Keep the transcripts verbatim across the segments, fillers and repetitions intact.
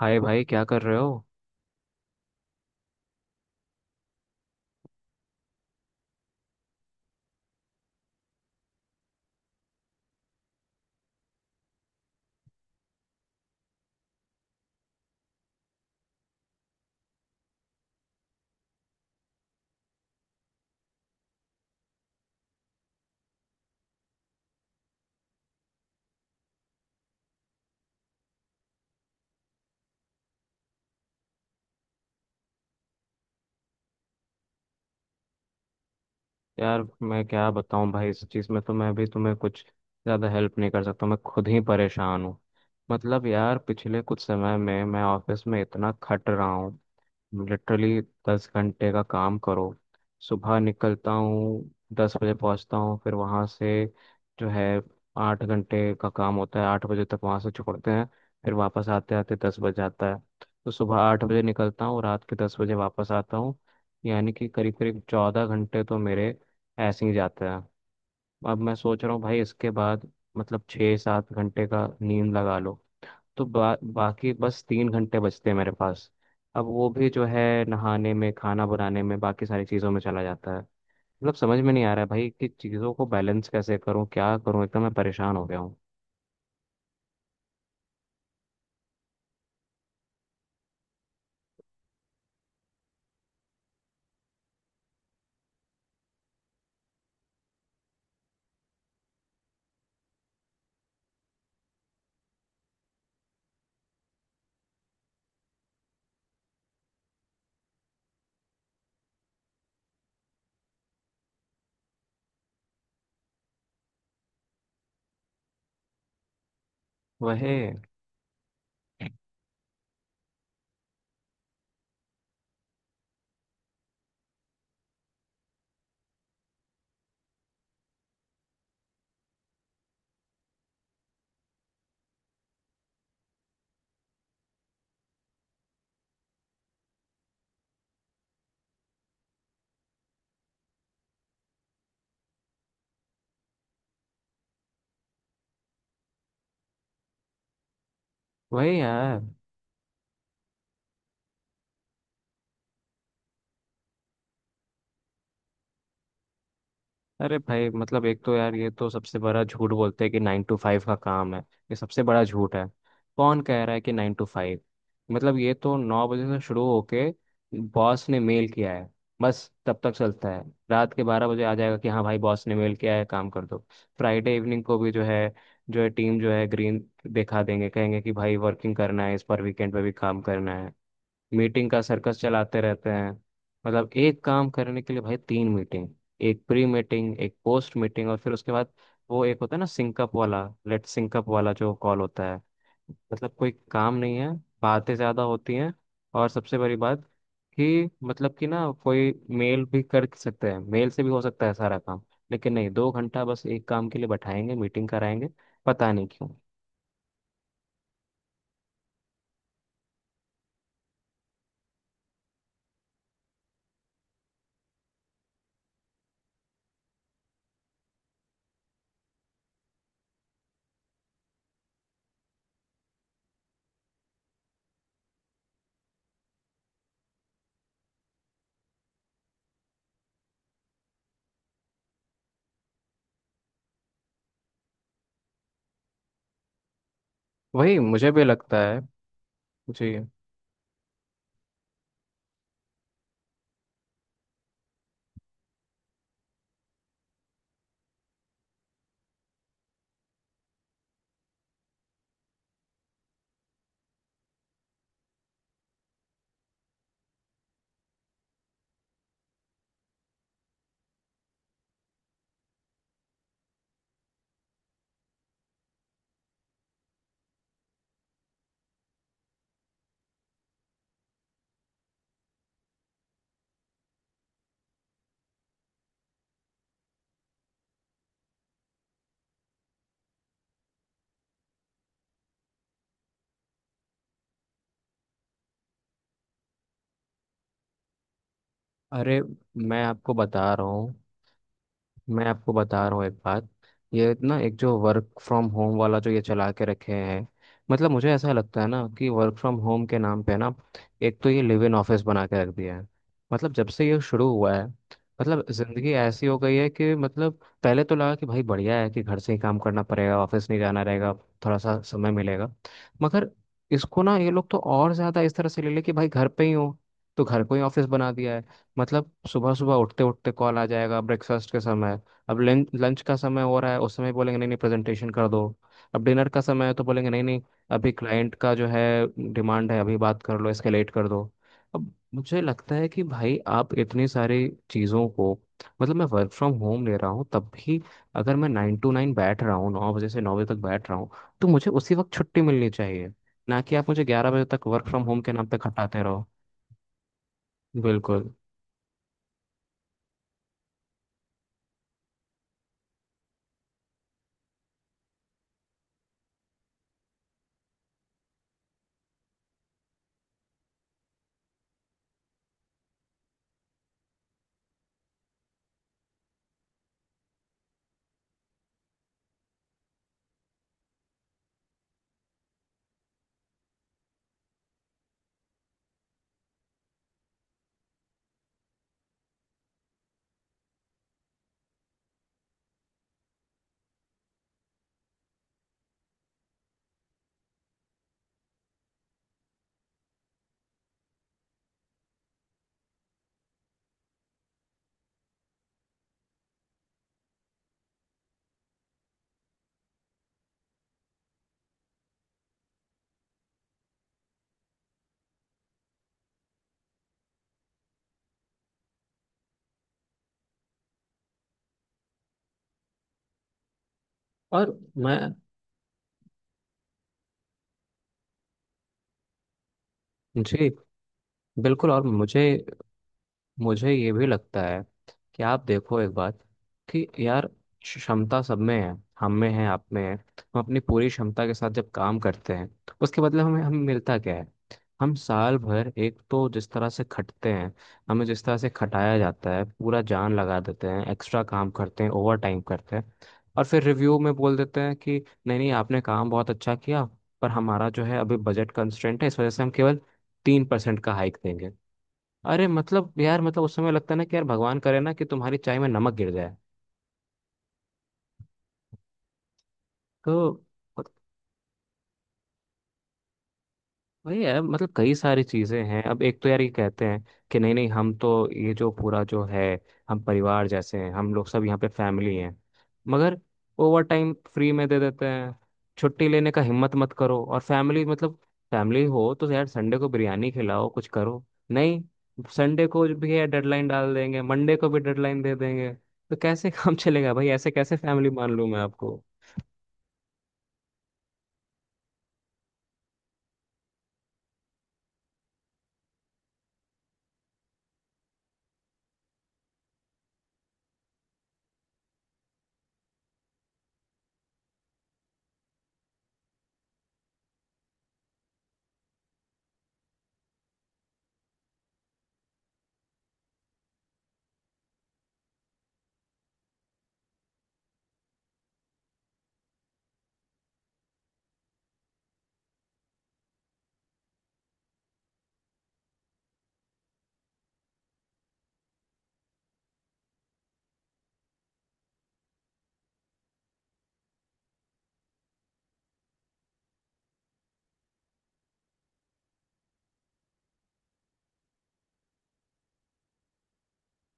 हाय भाई, क्या कर रहे हो? यार, मैं क्या बताऊं भाई। इस चीज़ में तो मैं भी तुम्हें कुछ ज़्यादा हेल्प नहीं कर सकता, मैं खुद ही परेशान हूँ। मतलब यार, पिछले कुछ समय में मैं ऑफिस में इतना खट रहा हूँ, लिटरली दस घंटे का काम करो। सुबह निकलता हूँ, दस बजे पहुँचता हूँ, फिर वहाँ से जो है आठ घंटे का काम होता है, आठ बजे तक वहाँ से छोड़ते हैं। फिर वापस आते आते दस बज जाता है। तो सुबह आठ बजे निकलता हूँ, रात के दस बजे वापस आता हूँ, यानी कि करीब करीब चौदह घंटे तो मेरे ऐसे ही जाते हैं। अब मैं सोच रहा हूँ भाई, इसके बाद मतलब छः सात घंटे का नींद लगा लो, तो बा, बाकी बस तीन घंटे बचते हैं मेरे पास। अब वो भी जो है नहाने में, खाना बनाने में, बाकी सारी चीज़ों में चला जाता है। मतलब समझ में नहीं आ रहा है भाई कि चीज़ों को बैलेंस कैसे करूं, क्या करूं, एकदम मैं परेशान हो गया हूँ। वही, वही यार। अरे भाई, मतलब एक तो यार ये तो सबसे बड़ा झूठ बोलते हैं कि नाइन टू फाइव का काम है। ये सबसे बड़ा झूठ है। कौन कह रहा है कि नाइन टू फाइव? मतलब ये तो नौ बजे से शुरू होके बॉस ने मेल किया है बस तब तक चलता है। रात के बारह बजे आ जाएगा कि हाँ भाई बॉस ने मेल किया है, काम कर दो। फ्राइडे इवनिंग को भी जो है जो है टीम जो है ग्रीन दिखा देंगे, कहेंगे कि भाई वर्किंग करना है, इस पर वीकेंड पे भी काम करना है। मीटिंग का सर्कस चलाते रहते हैं। मतलब एक काम करने के लिए भाई तीन मीटिंग, एक प्री मीटिंग, एक पोस्ट मीटिंग, और फिर उसके बाद वो एक होता है ना सिंकअप वाला, लेट सिंकअप वाला जो कॉल होता है। मतलब कोई काम नहीं है, बातें ज़्यादा होती हैं। और सबसे बड़ी बात कि मतलब कि ना कोई मेल भी कर सकते हैं, मेल से भी हो सकता है सारा काम। लेकिन नहीं, दो घंटा बस एक काम के लिए बैठाएंगे, मीटिंग कराएंगे, पता नहीं क्यों। वही, मुझे भी लगता है। जी। अरे, मैं आपको बता रहा हूँ, मैं आपको बता रहा हूँ एक बात। ये ना एक जो वर्क फ्रॉम होम वाला जो ये चला के रखे हैं, मतलब मुझे ऐसा लगता है ना कि वर्क फ्रॉम होम के नाम पे ना एक तो ये लिव इन ऑफिस बना के रख दिया है। मतलब जब से ये शुरू हुआ है, मतलब जिंदगी ऐसी हो गई है कि मतलब पहले तो लगा कि भाई बढ़िया है कि घर से ही काम करना पड़ेगा, ऑफिस नहीं जाना रहेगा, थोड़ा सा समय मिलेगा। मगर इसको ना ये लोग तो और ज्यादा इस तरह से ले ले कि भाई घर पे ही हो, तो घर को ही ऑफिस बना दिया है। मतलब सुबह सुबह उठते उठते कॉल आ जाएगा ब्रेकफास्ट के समय। अब लंच लंच का समय हो रहा है, उस समय बोलेंगे नहीं नहीं प्रेजेंटेशन कर दो। अब डिनर का समय है तो बोलेंगे नहीं नहीं, अभी क्लाइंट का जो है डिमांड है, अभी बात कर लो, इसके लेट कर दो। अब मुझे लगता है कि भाई आप इतनी सारी चीज़ों को, मतलब मैं वर्क फ्रॉम होम ले रहा हूँ तब भी, अगर मैं नाइन टू नाइन बैठ रहा हूँ, नौ बजे से नौ बजे तक बैठ रहा हूँ, तो मुझे उसी वक्त छुट्टी मिलनी चाहिए। ना कि आप मुझे ग्यारह बजे तक वर्क फ्रॉम होम के नाम पे खटाते रहो। बिल्कुल। और मैं, जी बिल्कुल। और मुझे मुझे ये भी लगता है कि आप देखो एक बात कि यार, क्षमता सब में है, हम में है, आप में है। हम अपनी पूरी क्षमता के साथ जब काम करते हैं, उसके बदले हमें हमें मिलता क्या है? हम साल भर एक तो जिस तरह से खटते हैं, हमें जिस तरह से खटाया जाता है, पूरा जान लगा देते हैं, एक्स्ट्रा काम करते हैं, ओवर टाइम करते हैं। और फिर रिव्यू में बोल देते हैं कि नहीं नहीं आपने काम बहुत अच्छा किया, पर हमारा जो है अभी बजट कंस्ट्रेंट है, इस वजह से हम केवल तीन परसेंट का हाइक देंगे। अरे मतलब यार, मतलब उस समय लगता है ना कि यार भगवान करे ना कि तुम्हारी चाय में नमक गिर जाए। तो वही है, मतलब कई सारी चीजें हैं। अब एक तो यार ये कहते हैं कि नहीं नहीं हम तो ये जो पूरा जो है हम परिवार जैसे हैं, हम लोग सब यहाँ पे फैमिली हैं। मगर ओवर टाइम फ्री में दे देते हैं, छुट्टी लेने का हिम्मत मत करो। और फैमिली मतलब, फैमिली हो तो यार संडे को बिरयानी खिलाओ, कुछ करो। नहीं, संडे को भी है डेडलाइन डाल देंगे, मंडे को भी डेडलाइन दे देंगे, तो कैसे काम चलेगा भाई? ऐसे कैसे फैमिली मान लूं मैं आपको?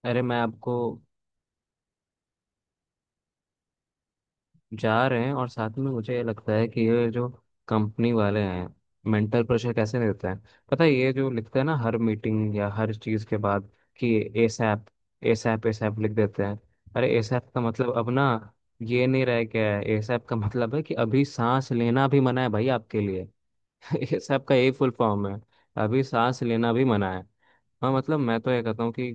अरे मैं आपको जा रहे हैं, और साथ में मुझे ये लगता है कि ये जो कंपनी वाले हैं, मेंटल प्रेशर कैसे देते हैं, पता है? ये जो लिखते हैं ना हर मीटिंग या हर चीज़ के बाद कि एसएप एसएप एसएप लिख देते हैं। अरे एसएप का मतलब अब ना ये नहीं रह गया है। एसएप का मतलब है कि अभी सांस लेना भी मना है भाई आपके लिए। एसएप का यही फुल फॉर्म है, अभी सांस लेना भी मना है। हाँ, मतलब मैं तो ये कहता हूँ कि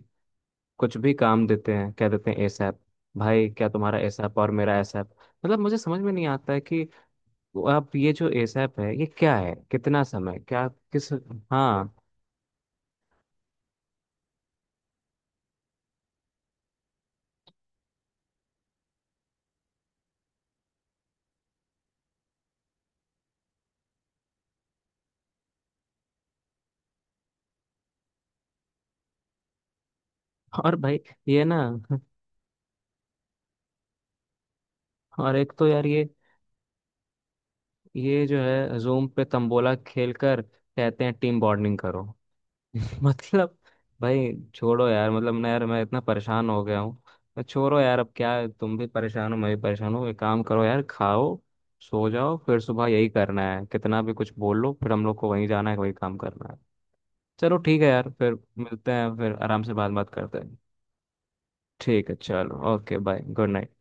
कुछ भी काम देते हैं कह देते हैं एसएप। भाई, क्या तुम्हारा एसएप और मेरा एसएप? मतलब मुझे समझ में नहीं आता है कि वो आप ये जो एसएप है ये क्या है, कितना समय, क्या, किस? हाँ। और भाई ये ना, और एक तो यार ये ये जो है जूम पे तंबोला खेलकर कहते हैं टीम बॉन्डिंग करो। मतलब भाई छोड़ो यार, मतलब ना यार मैं इतना परेशान हो गया हूँ। मैं छोड़ो यार, अब क्या है, तुम भी परेशान हो, मैं भी परेशान हूँ। एक काम करो यार, खाओ, सो जाओ। फिर सुबह यही करना है, कितना भी कुछ बोल लो फिर हम लोग को वहीं जाना है, वही काम करना है। चलो ठीक है यार, फिर मिलते हैं, फिर आराम से बात बात करते हैं। ठीक है, चलो, ओके बाय, गुड नाइट।